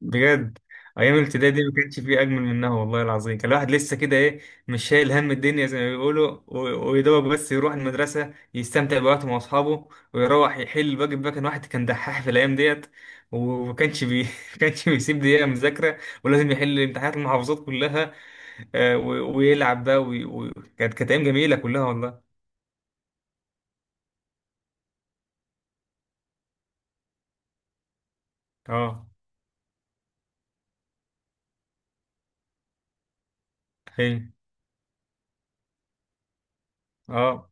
بجد. ايام الابتدائي دي ما كانش فيه اجمل منها والله العظيم. كان الواحد لسه كده مش شايل هم الدنيا زي ما بيقولوا، ويدوب بس يروح المدرسه يستمتع بوقته مع اصحابه، ويروح يحل الواجب بقى. كان واحد كان دحاح في الايام ديت، وما كانش ما كانش بيسيب دقيقه مذاكره، ولازم يحل امتحانات المحافظات كلها. ويلعب بقى، كانت ايام جميله كلها والله. اه. حلو. اه.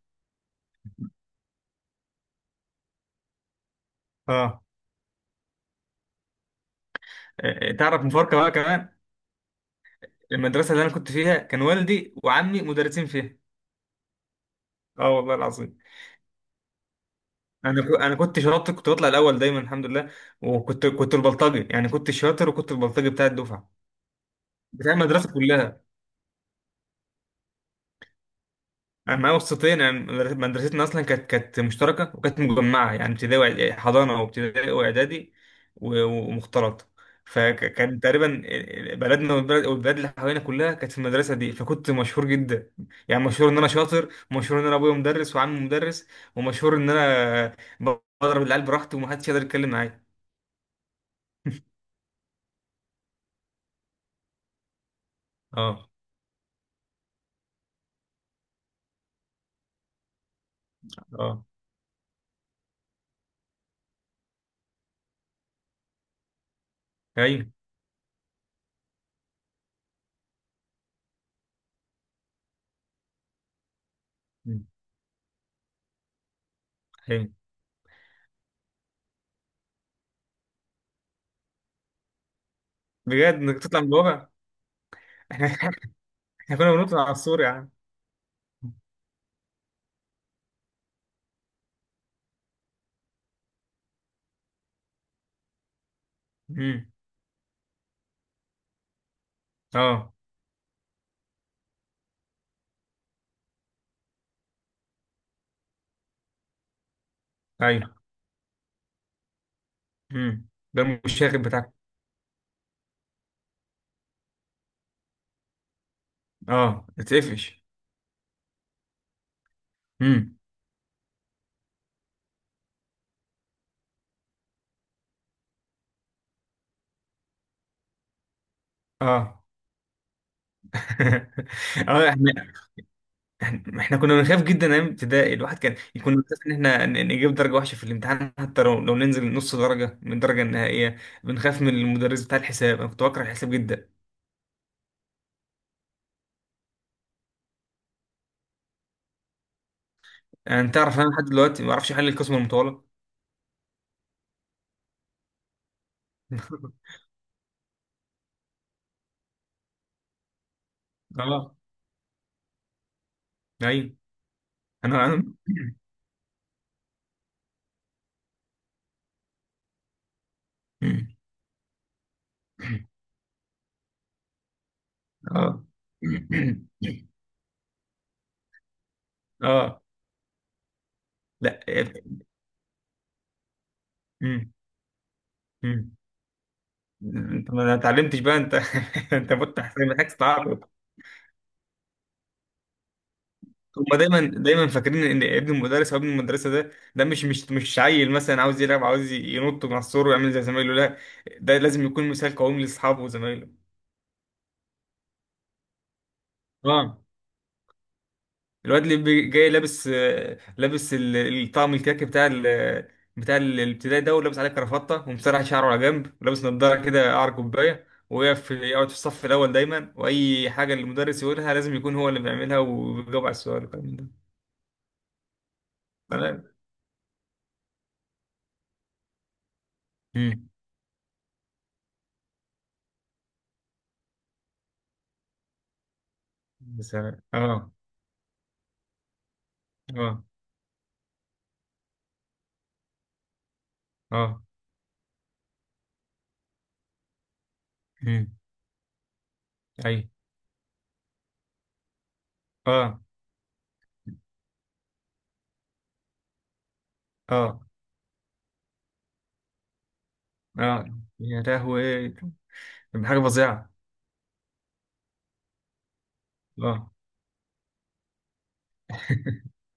اه. تعرف مفارقه بقى كمان. المدرسه اللي انا كنت فيها كان والدي وعمي مدرسين فيها. اه والله العظيم. انا كنت شاطر، كنت بطلع الاول دايما الحمد لله. وكنت البلطجي، يعني كنت الشاطر وكنت البلطجي بتاع الدفعه، بتاع المدرسه كلها. انا معايا وسطين، يعني مدرستنا اصلا كانت مشتركه، وكانت مجمعه، يعني ابتدائي حضانه وابتدائي واعدادي ومختلطه. فكان تقريبا بلدنا والبلد والبلاد اللي حوالينا كلها كانت في المدرسه دي، فكنت مشهور جدا. يعني مشهور ان انا شاطر، ومشهور ان انا ابويا مدرس وعمي مدرس، ومشهور ان انا بضرب العيال براحتي ومحدش يقدر يتكلم معايا. اه. اه. ايوه. مم. ايوه. بجد انك تطلع من الواقع. احنا احنا كنا بنطلع على السور يا عم. امم. اه. ايوه. امم. ده المشاغب بتاعك. اه، اتقفش. امم. اه. اه. احنا. إحنا كنا بنخاف جدا ايام ابتدائي. الواحد كان يكون بيخاف ان احنا نجيب درجه وحشه في الامتحان، حتى لو ننزل نص درجه من الدرجه النهائيه. بنخاف من المدرس بتاع الحساب، انا كنت بكره الحساب جدا. انت تعرف انا لحد دلوقتي ما بعرفش احل القسمه المطوله. اه. ايوه. انا اه. اه. لا. مم. مم. انت ما اتعلمتش بقى انت. انت مت حسين محتاج تتعاقب. هما دايما دايما فاكرين ان ابن المدرس او ابن المدرسه، ده مش مش مش عيل مثلا عاوز يلعب، عاوز ينط من على السور ويعمل زي زمايله. لا، ده لازم يكون مثال قومي لاصحابه وزمايله. اه. الواد اللي جاي لابس، لابس الطقم الكاكي الابتدائي ده، ولابس عليه كرافطه، ومسرح شعره على جنب، ولابس نضاره كده قعر كوبايه، ويقف يقعد في الصف الاول دايما، واي حاجه المدرس يقولها لازم يكون هو اللي بيعملها، وبيجاوب على السؤال والكلام من ده. سلام. امم. سلام. اه. اه. اه. امم. اي. اه. اه. اه. يا لهوي، حاجه فظيعه. اه.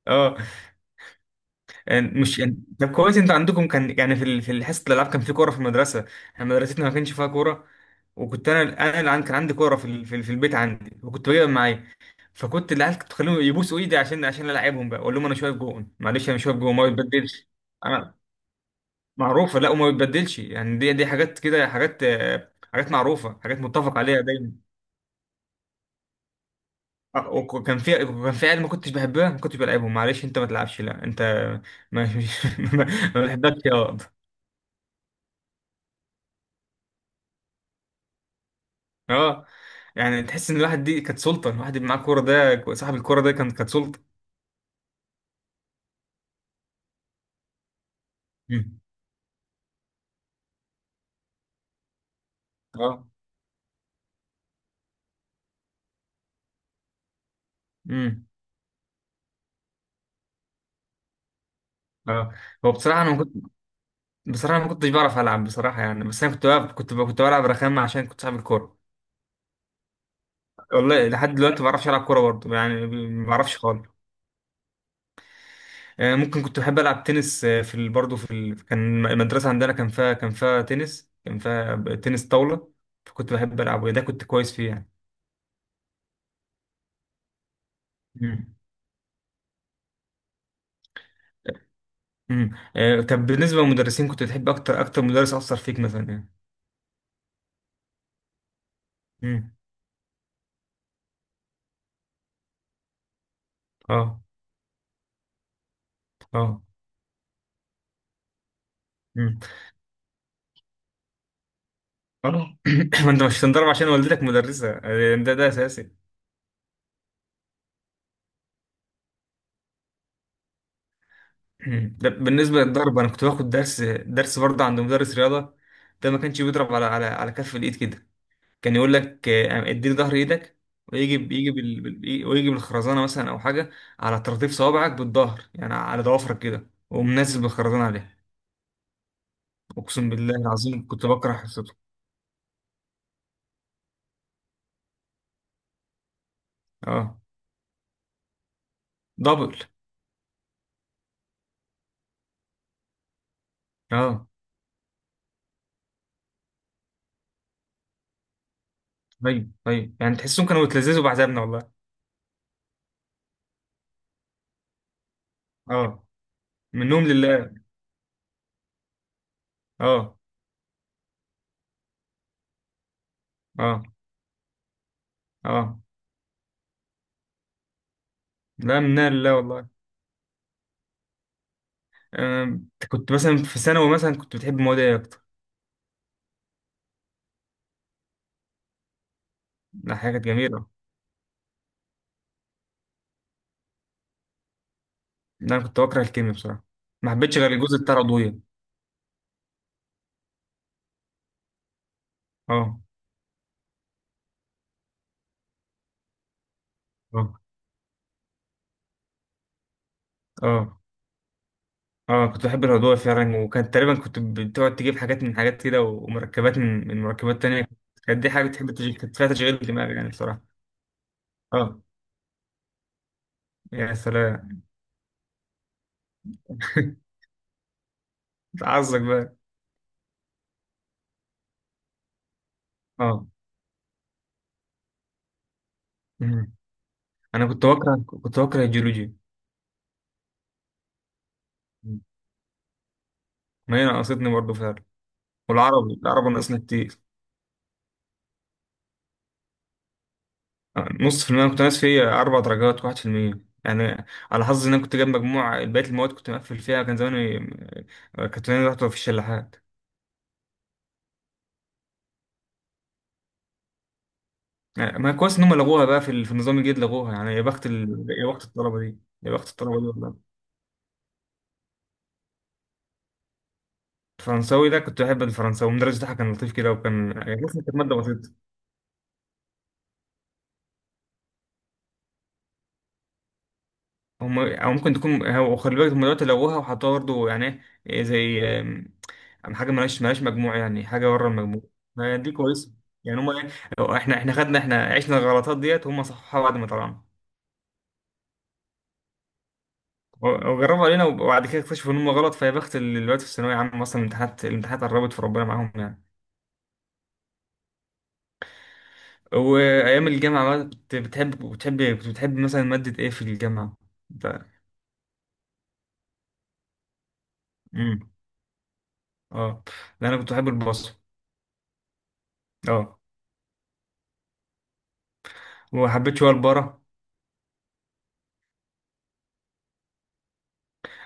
اه. يعني مش طب كويس انتوا عندكم كان، يعني في حصه الالعاب كان في كوره في المدرسه. احنا مدرستنا ما كانش فيها كوره. وكنت انا، اللي كان عندي كوره في البيت عندي، وكنت بجيبها معايا. فكنت العيال كنت بخليهم يبوسوا ايدي عشان العبهم بقى. اقول لهم انا شايف جون، معلش انا شايف جون، ما بتبدلش. انا معروفه، لا، وما بتبدلش. يعني دي حاجات كده، حاجات حاجات معروفه، حاجات متفق عليها دايما. وكان في، كان في عيال ما كنتش بحبها ما كنتش بلعبهم. معلش انت ما تلعبش، لا انت ما ما ما بحبكش يا. اه، يعني تحس ان الواحد دي كانت سلطه، الواحد اللي معاه كوره ده، صاحب الكوره ده كانت سلطه. مم. اه. امم. اه. هو بصراحه انا ما كنت، بصراحه أنا ما كنتش بعرف العب، بصراحه يعني. بس انا كنت بلعب رخامه عشان كنت صاحب الكوره. والله لحد دلوقتي ما بعرفش العب كوره برضه، يعني ما بعرفش خالص. ممكن كنت بحب العب تنس. آه، في ال... برضه في ال... كان المدرسه عندنا كان فيها تنس، كان فيها تنس طاوله. فكنت بحب العبه ده، كنت كويس فيه يعني. امم. آه، طب بالنسبة للمدرسين، كنت بتحب أكتر مدرس أثر فيك مثلا يعني. امم. اه. اه. امم. اه. ما أنت مش هتنضرب عشان والدتك مدرسة، ده أساسي. أمم. ده بالنسبة للضرب، أنا كنت باخد درس، برضه عند مدرس رياضة. ده ما كانش بيضرب على كف الإيد كده. كان يقول لك، اديني ظهر إيدك. ويجي ويجي بالخرزانة مثلا أو حاجة على طراطيف صوابعك بالظهر، يعني على ضوافرك كده، ومنزل بالخرزانة عليها. أقسم بالله العظيم كنت بكره حصته. اه. دبل. اه. ايوه. ايوه، يعني تحسهم كانوا يتلذذوا بعذابنا والله. اه. منهم لله. اه. اه. اه. لا، منا لله والله. كنت مثلا في ثانوي، مثلا كنت بتحب المواد ايه اكتر؟ لا، حاجه كانت جميله. لا، انا كنت بكره الكيمياء بصراحه، ما حبيتش غير الجزء بتاع العضويه. اه. اه. اه. اه، كنت بحب العضويه فعلا، وكانت تقريبا كنت بتقعد تجيب حاجات من حاجات كده، ومركبات من مركبات تانية. كانت دي حاجه بتحب تشغيل، كانت فيها تشغيل دماغ يعني بصراحه. اه. يا سلام. تعزك بقى. اه. مم. انا كنت بكره الجيولوجي. مم. ما هي نقصتني برضه فعلا. والعربي، ناقصني كتير. نص في المية كنت ناقص فيه، أربع درجات، 1% يعني. على حظي إن أنا كنت جايب مجموع بقية المواد كنت مقفل فيها. كان زماني كنت زماني رحت في الشلاحات. يعني ما كويس إن هم لغوها بقى، في النظام الجديد لغوها يعني. يا بخت يا بخت الطلبة دي. يا بخت الطلبة دي والله. الفرنساوي ده، كنت بحب الفرنساوي، المدرس بتاعها كان لطيف كده، وكان يعني كانت مادة بسيطة. هم، او ممكن تكون، هو خلي بالك هم دلوقتي لغوها وحطوها برضه، يعني زي حاجه مالهاش مجموع، يعني حاجه بره المجموع. ما دي كويسه. يعني هم احنا عشنا الغلطات ديت، هم صححوها بعد ما طلعنا. وجربوا علينا، وبعد كده اكتشفوا ان هم غلط. فيا بخت اللي دلوقتي في الثانويه عامه مثلا، الامتحانات، قربت، في ربنا معاهم يعني. وايام الجامعه بقى، كنت بتحب، بتحب كنت بتحب مثلا ماده ايه في الجامعه؟ انت. امم. اه. لا، انا كنت بحب البصر. اه. وحبيت شويه البره.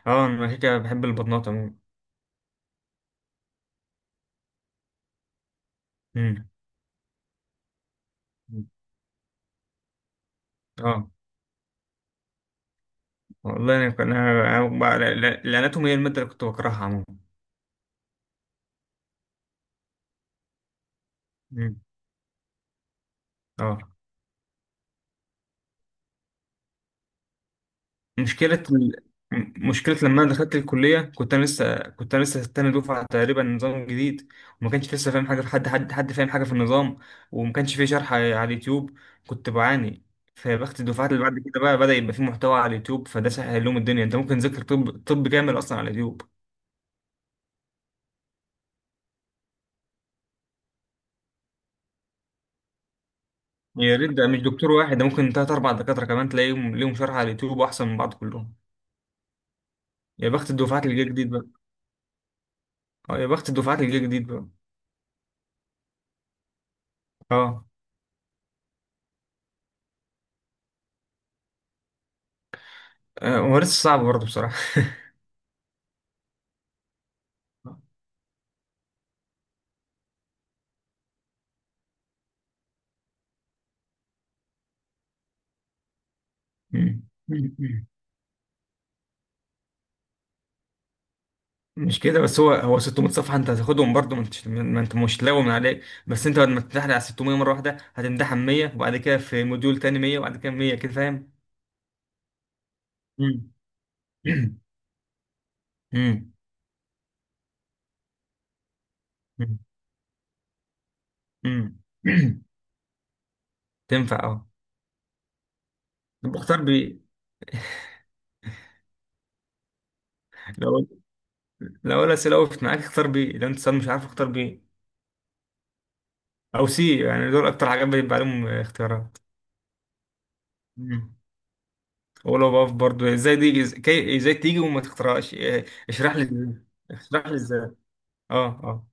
اه، انا كده كده بحب البطنات عموما. امم. اه والله انا كان- انا أنا بقى- لا- لا- الاناتومي هي الماده اللي كنت بكرهها عموما. امم. اه. مشكله مشكله لما انا دخلت الكليه، كنت انا لسه تاني دفعه تقريبا، نظام جديد. وما كانش لسه فاهم حاجه، في حد فاهم حاجه في النظام. وما كانش فيه شرح على اليوتيوب، كنت بعاني. فبخت الدفعات اللي بعد كده بقى بدأ يبقى فيه محتوى على اليوتيوب، فده سهل لهم الدنيا. انت ممكن تذاكر طب، كامل اصلا على اليوتيوب. يا ريت، ده مش دكتور واحد، ده ممكن تلات أربع دكاترة كمان تلاقيهم ليهم شرح على اليوتيوب، أحسن من بعض كلهم. يا بخت الدفعات اللي جه جديد بقى. اه، يا بخت الدفعات اللي جه جديد بقى. اه. هو لسه صعب برضه بصراحة. مم. مم. مش كده، بس هو 600 صفحة أنت هتاخدهم برضه، ما أنت مش لاوي من عليك. بس أنت بعد ما تمتحن على 600 مرة واحدة، هتمتحن 100، وبعد كده في موديول تاني 100، وبعد كده 100 كده، فاهم؟ مم. مم. مم. مم. تنفع اه. بختار بيه. لو الأسئلة وقفت معاك، اختار بي. لو أنت صاد مش عارف، اختار بي أو سي، يعني دول أكتر حاجات بيبقى عليهم اختيارات. مم. ولو بقف برضه، إزاي دي إزاي تيجي وما تختارهاش؟ اشرح لي إزاي. اشرح لي إزاي. أه. أه.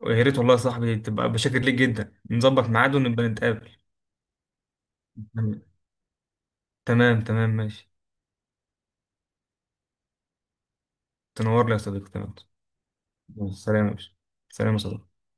ويا ريت والله يا صاحبي، تبقى بشكر ليك جدا، نظبط ميعاد ونبقى نتقابل. تمام. تمام. تمام، ماشي. تنور لي يا صديقي، تمام. سلام يا باشا. سلام يا صديقي.